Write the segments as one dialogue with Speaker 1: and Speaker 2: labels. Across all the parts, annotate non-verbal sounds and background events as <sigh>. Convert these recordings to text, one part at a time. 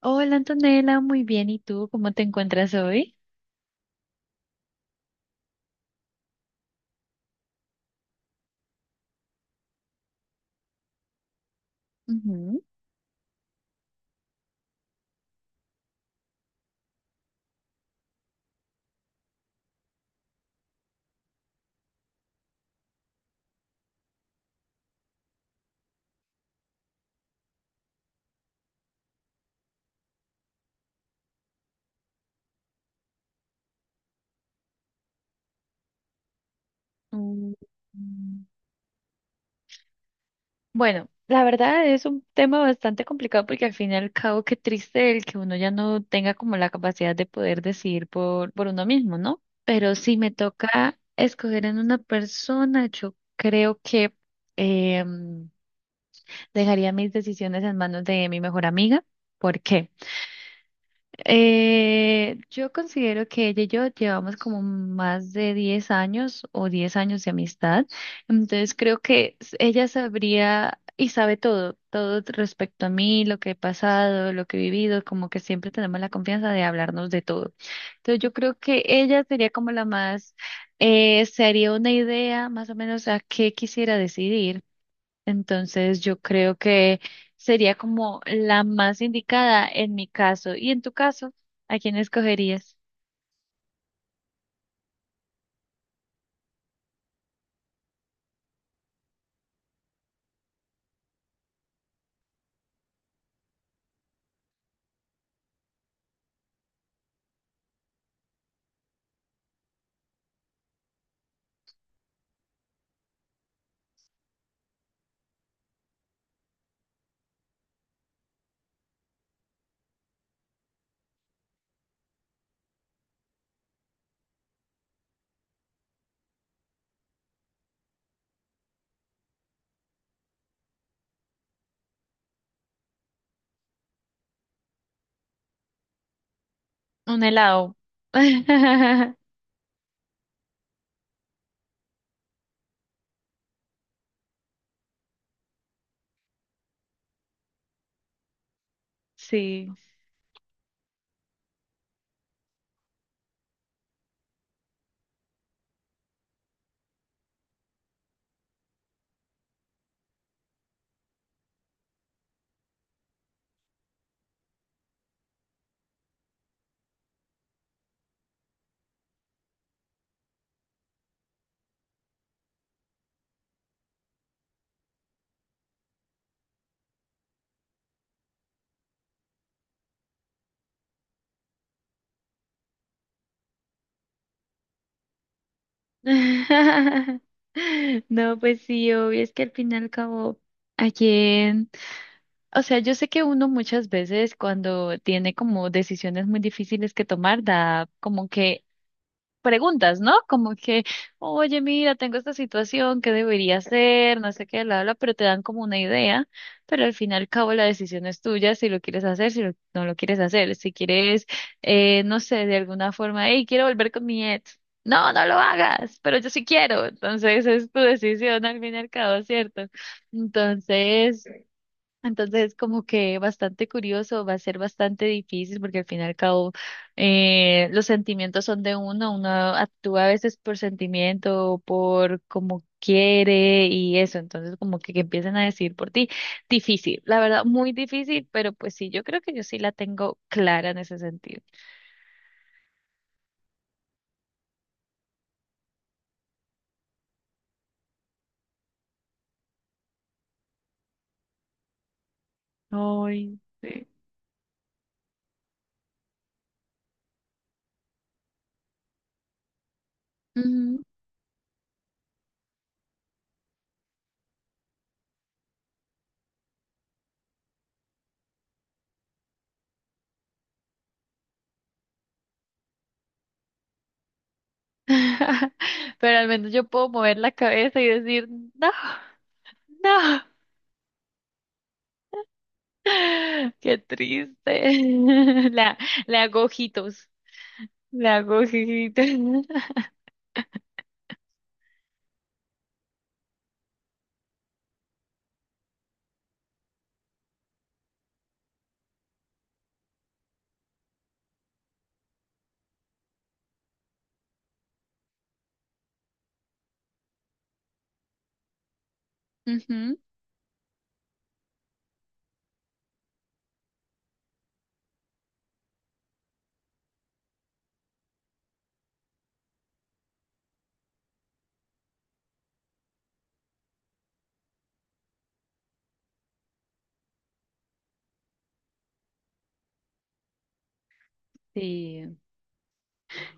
Speaker 1: Hola Antonella, muy bien. ¿Y tú cómo te encuentras hoy? Ujú. Mm, mm, Bueno, la verdad es un tema bastante complicado porque al fin y al cabo qué triste el que uno ya no tenga como la capacidad de poder decidir por uno mismo, ¿no? Pero si me toca escoger en una persona, yo creo que em, dejaría mis decisiones en manos de mi mejor amiga. ¿Por qué? Yo considero que ella y yo llevamos como más de 10 años o 10 años de amistad. Entonces creo que ella sabría y sabe todo, todo respecto a mí, lo que he pasado, lo que he vivido, como que siempre tenemos la confianza de hablarnos de todo. Entonces yo creo que ella sería como la más, se haría una idea más o menos a qué quisiera decidir. Entonces yo creo que sería como la más indicada en mi caso. Y en tu caso, ¿a quién escogerías? Un helado. <laughs> Sí. <laughs> No, pues sí, obvio, es que al fin y al cabo, ¿a quién? O sea, yo sé que uno muchas veces cuando tiene como decisiones muy difíciles que tomar, da como que preguntas, ¿no? Como que oye, mira, tengo esta situación, ¿qué debería hacer? No sé qué, bla, bla, pero te dan como una idea, pero al fin y al cabo la decisión es tuya, si lo quieres hacer, si no lo quieres hacer, si quieres, no sé, de alguna forma, hey, quiero volver con mi ex. No, no lo hagas, pero yo sí quiero. Entonces es tu decisión al fin y al cabo, ¿cierto? Entonces, entonces, como que bastante curioso, va a ser bastante difícil porque al fin y al cabo los sentimientos son de uno, uno actúa a veces por sentimiento, por como quiere y eso, entonces como que empiecen a decir por ti, difícil, la verdad, muy difícil, pero pues sí, yo creo que yo sí la tengo clara en ese sentido. Ay, sí. Ujú. <laughs> Pero al menos yo puedo mover la cabeza y decir, no, no. <laughs> Qué triste. <laughs> La, la hago ojitos. La hago ojitos. <laughs> Ujú. Sí,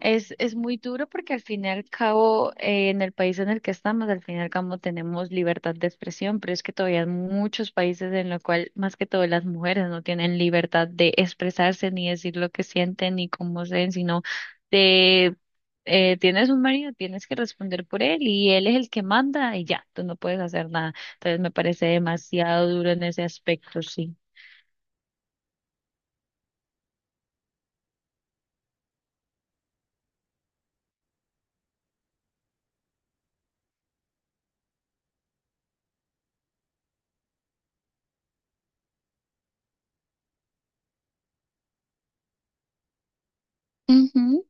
Speaker 1: es muy duro porque al fin y al cabo, en el país en el que estamos, al fin y al cabo tenemos libertad de expresión, pero es que todavía hay muchos países en los cuales, más que todo, las mujeres no tienen libertad de expresarse ni decir lo que sienten ni cómo se ven sino de, tienes un marido, tienes que responder por él y él es el que manda y ya, tú no puedes hacer nada. Entonces me parece demasiado duro en ese aspecto, sí. Ujú.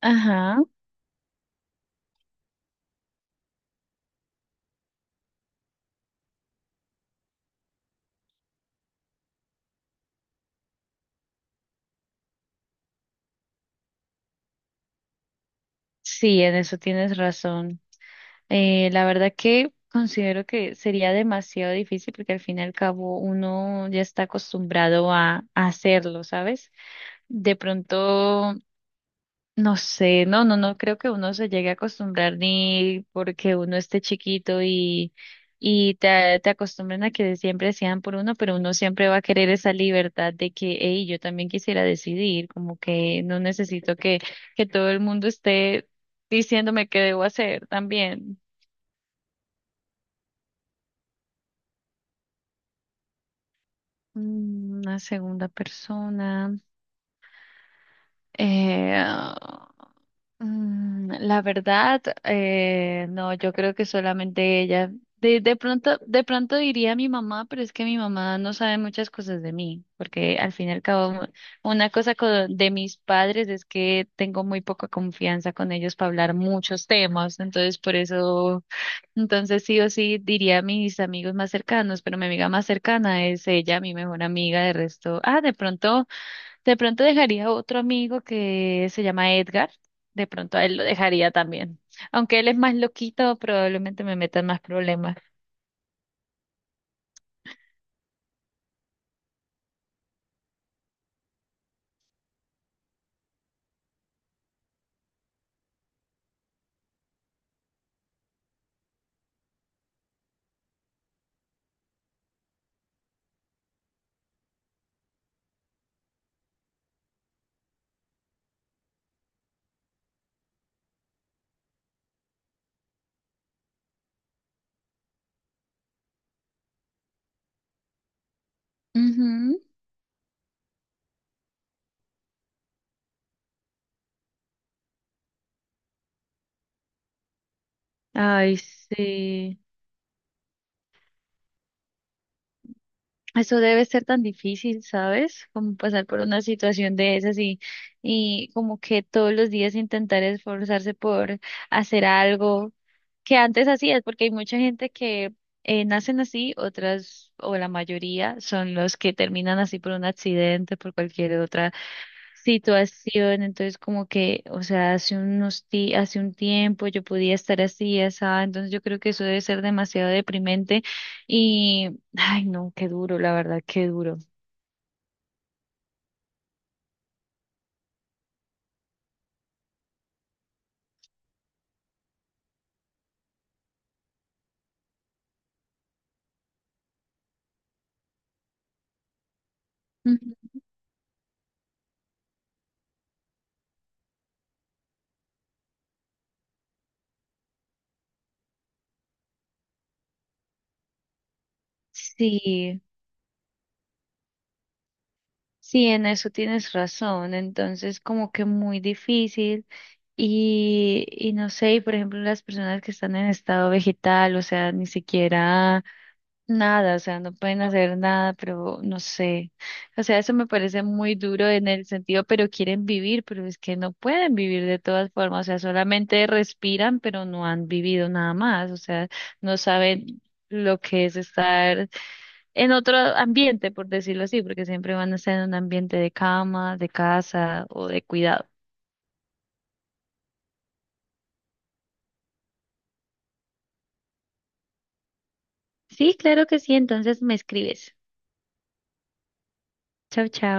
Speaker 1: Ajá, sí, en eso tienes razón. La verdad que considero que sería demasiado difícil porque al fin y al cabo uno ya está acostumbrado a hacerlo, ¿sabes? De pronto, no sé, no creo que uno se llegue a acostumbrar ni porque uno esté chiquito y te acostumbren a que siempre sean por uno, pero uno siempre va a querer esa libertad de que, hey, yo también quisiera decidir, como que no necesito que todo el mundo esté diciéndome qué debo hacer también. Mm, una segunda persona. Eh, ah, la verdad, no, yo creo que solamente ella. De pronto diría mi mamá, pero es que mi mamá no sabe muchas cosas de mí, porque al fin y al cabo, una cosa de mis padres es que tengo muy poca confianza con ellos para hablar muchos temas, entonces por eso, entonces sí o sí diría a mis amigos más cercanos, pero mi amiga más cercana es ella, mi mejor amiga, de resto, de pronto. De pronto dejaría otro amigo que se llama Edgar. De pronto a él lo dejaría también. Aunque él es más loquito, probablemente me metan más problemas. Ujú. Ay, sí. Eso debe ser tan difícil, ¿sabes? Como pasar por una situación de esas y como que todos los días intentar esforzarse por hacer algo que antes hacías, porque hay mucha gente que nacen así, otras o la mayoría son los que terminan así por un accidente, por cualquier otra situación, entonces como que, o sea, hace unos hace un tiempo yo podía estar así, asá, entonces yo creo que eso debe ser demasiado deprimente y, ay, no, qué duro, la verdad, qué duro. Ujú. Sí, sí, en eso tienes razón, entonces como que muy difícil y no sé, y por ejemplo las personas que están en estado vegetal, o sea, ni siquiera nada, o sea, no pueden hacer nada, pero no sé. O sea, eso me parece muy duro en el sentido, pero quieren vivir, pero es que no pueden vivir de todas formas, o sea, solamente respiran, pero no han vivido nada más, o sea, no saben lo que es estar en otro ambiente, por decirlo así, porque siempre van a estar en un ambiente de cama, de casa o de cuidado. Sí, claro que sí, entonces me escribes. Chao, chao.